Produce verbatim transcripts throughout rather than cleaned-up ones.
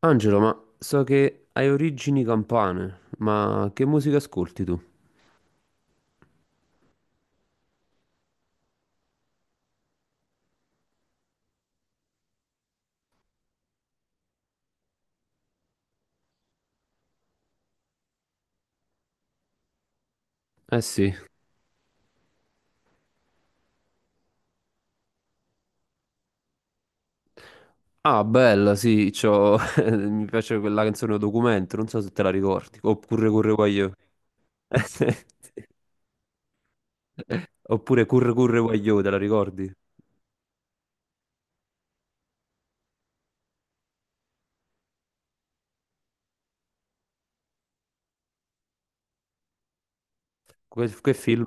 Angelo, ma so che hai origini campane, ma che musica ascolti tu? Eh sì. Ah, bella, sì, c'ho... mi piace quella canzone Documento, non so se te la ricordi. Oppure Curre Guagliò. Oppure Curre Curre Guagliò, te la ricordi? Que- che film?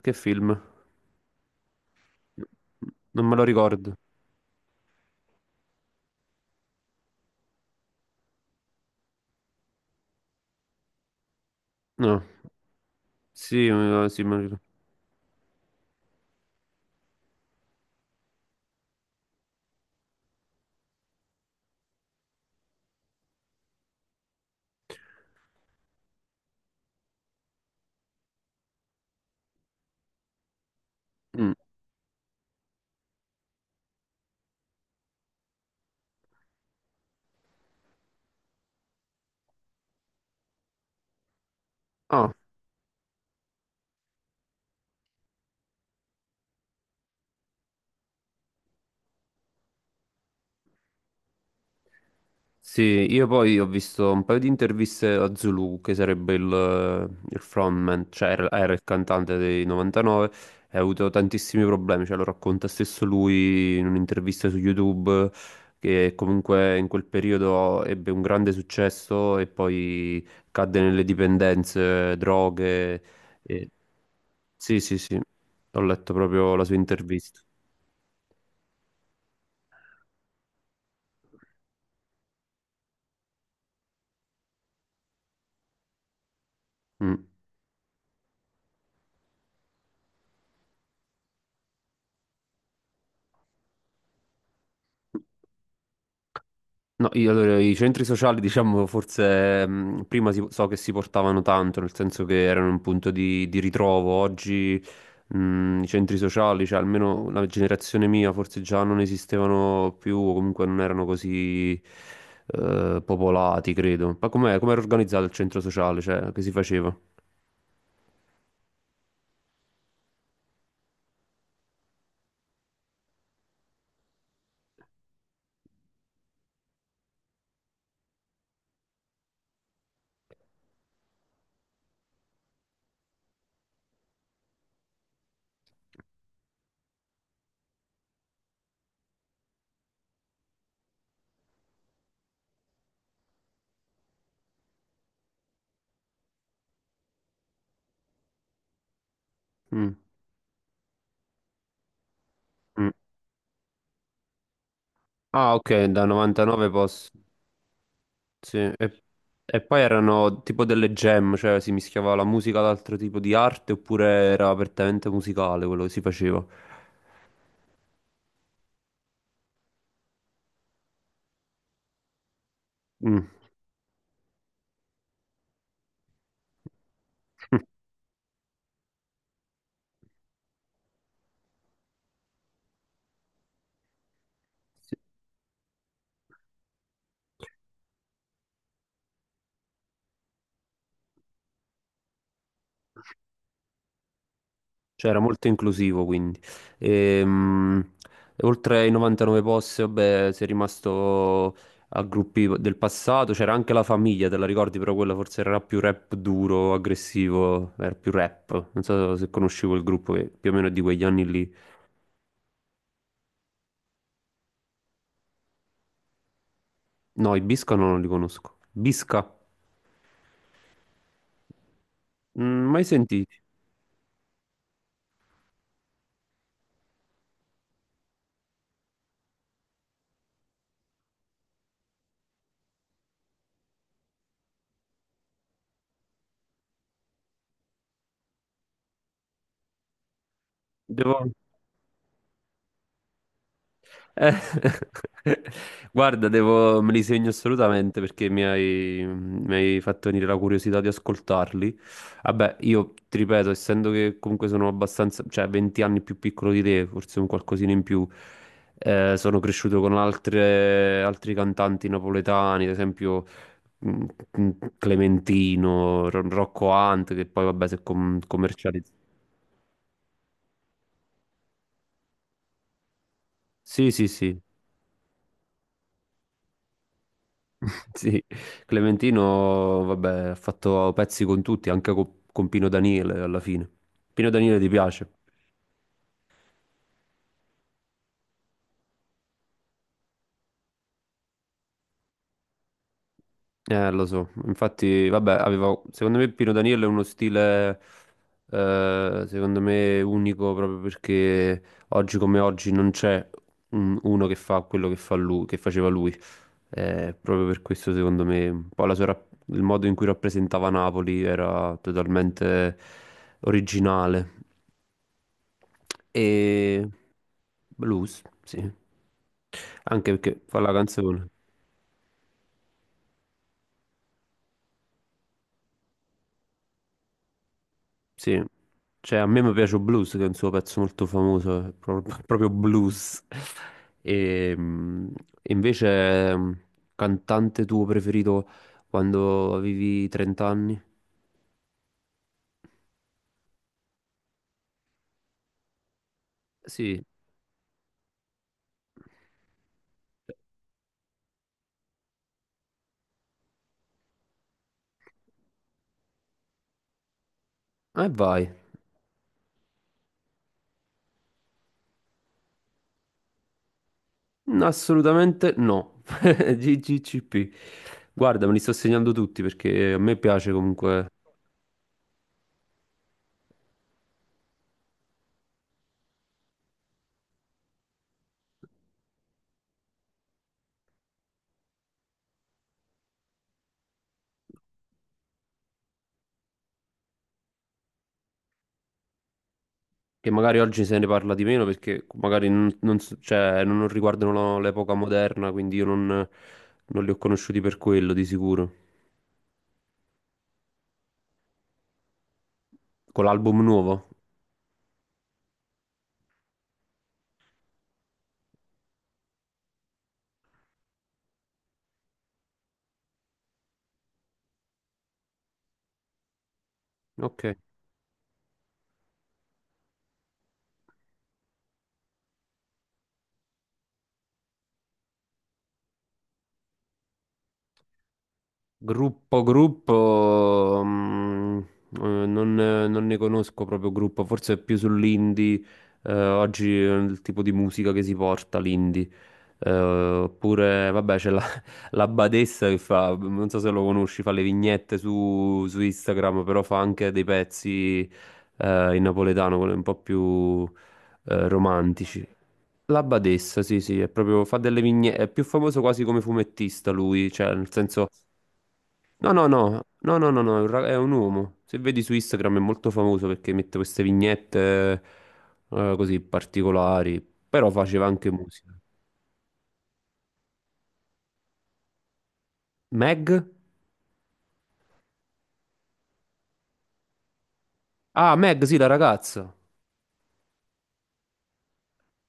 Che film? Non me lo ricordo. No. Sì, eh, sì, me lo ricordo. Mm. Ah, sì, io poi ho visto un paio di interviste a Zulu, che sarebbe il, il frontman, cioè era, era il cantante dei novantanove, e ha avuto tantissimi problemi, cioè lo racconta stesso lui in un'intervista su YouTube, che comunque in quel periodo ebbe un grande successo e poi cadde nelle dipendenze, droghe. e- Sì, sì, sì, ho letto proprio la sua intervista. Mm. No, io- Allora, i centri sociali, diciamo, forse mh, prima si- so che si portavano tanto, nel senso che erano un punto di, di ritrovo. Oggi mh, i centri sociali, cioè almeno la generazione mia, forse già non esistevano più, o comunque non erano così eh, popolati, credo. Ma com'è, com'era organizzato il centro sociale? Cioè, che si faceva? Mm, mm. Ah, ok, da novantanove posso. Sì, e, e poi erano tipo delle jam, cioè si mischiava la musica ad altro tipo di arte oppure era apertamente musicale quello che si faceva. Mm. Sì. Cioè era molto inclusivo quindi. Ehm, Oltre ai novantanove posti, vabbè, si è rimasto a gruppi del passato, c'era anche la famiglia, te la ricordi, però quella forse era più rap duro, aggressivo, era più rap. Non so se conosci quel gruppo che più o meno è di quegli anni lì. No, i Bisca no, non li conosco. Bisca? Mm, mai sentiti? Devo... Eh, guarda, devo... me li segno assolutamente perché mi hai... mi hai fatto venire la curiosità di ascoltarli. Vabbè, io ti ripeto, essendo che comunque sono abbastanza, cioè venti anni più piccolo di te, forse un qualcosina in più, eh, sono cresciuto con altre... altri cantanti napoletani, ad esempio mm, mm, Clementino, Ro- Rocco Hunt, che poi vabbè si è com- commercializzato. Sì, sì, sì. Sì, Clementino, vabbè, ha fatto pezzi con tutti, anche co- con, Pino Daniele alla fine. Pino Daniele ti piace? Eh, lo so. Infatti, vabbè, avevo, secondo me Pino Daniele è uno stile, eh, secondo me, unico proprio perché oggi come oggi non c'è un- uno che fa quello che fa lui, che faceva lui. Eh, proprio per questo, secondo me, un po' la sua rap- il modo in cui rappresentava Napoli era totalmente originale. E blues, sì. Anche perché fa la canzone, sì. Cioè, a me mi piace Blues, che è un suo pezzo molto famoso, è pro- proprio blues. E mh, invece, mh, cantante tuo preferito quando avevi trenta anni? Sì. E vai. No, assolutamente no. G G C P. Guarda, me li sto segnando tutti perché a me piace comunque che magari oggi se ne parla di meno perché magari non, non so- cioè, non- non riguardano la- l'epoca moderna, quindi io non, non li ho conosciuti per quello di sicuro. Con l'album nuovo? Ok. Gruppo, gruppo, mm, eh, non, non ne conosco proprio gruppo, forse è più sull'indie, eh, oggi è il tipo di musica che si porta l'indie. Eh, oppure, vabbè, c'è la, la Badessa che fa, non so se lo conosci, fa le vignette su, su Instagram, però fa anche dei pezzi, eh, in napoletano, quelli un po' più, eh, romantici. La Badessa, sì, sì, è proprio, fa delle vignette, è più famoso quasi come fumettista lui, cioè nel senso... No, no, no, no, no, no, no, è un ra- è un uomo. Se vedi su Instagram è molto famoso perché mette queste vignette eh, così particolari, però faceva anche musica. Meg? Ah, Meg, sì, la ragazza.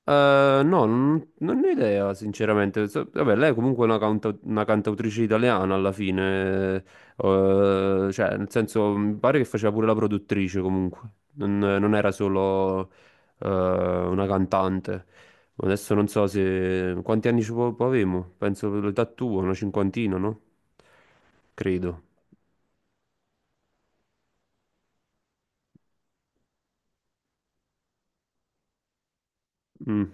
Eh, no, non, non ne ho idea, sinceramente. So- Vabbè, lei è comunque una, canta- una cantautrice italiana alla fine, eh, cioè, nel senso, mi pare che faceva pure la produttrice comunque, non, non era solo eh, una cantante. Adesso non so se... Quanti anni ci po- po' avevo? Penso l'età tua, una cinquantina, no? Credo. Mm.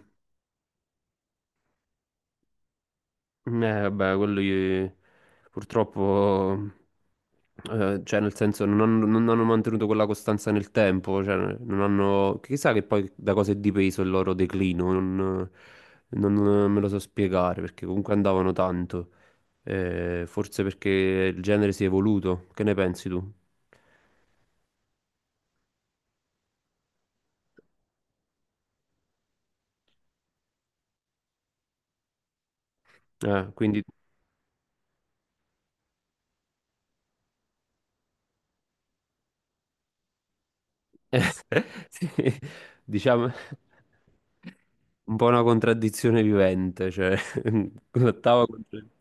Eh, vabbè, quello gli- purtroppo, eh, cioè nel senso non hanno, non hanno mantenuto quella costanza nel tempo, cioè non hanno, chissà che poi da cosa è dipeso il loro declino, non, non me lo so spiegare perché comunque andavano tanto. Eh, forse perché il genere si è evoluto, che ne pensi tu? Eh, quindi sì, diciamo un po' una contraddizione vivente, cioè l'ottava contraddizione.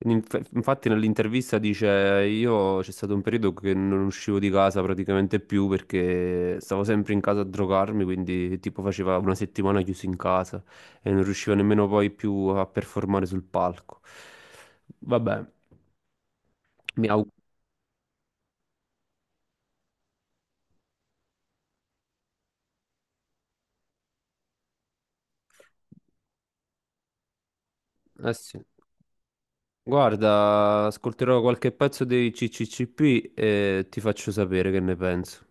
Inf- Infatti nell'intervista dice, io c'è stato un periodo che non uscivo di casa praticamente più perché stavo sempre in casa a drogarmi, quindi tipo faceva una settimana chiuso in casa e non riuscivo nemmeno poi più a performare sul palco. Vabbè, mi auguro. Eh sì. Guarda, ascolterò qualche pezzo dei C C C P e ti faccio sapere che ne penso.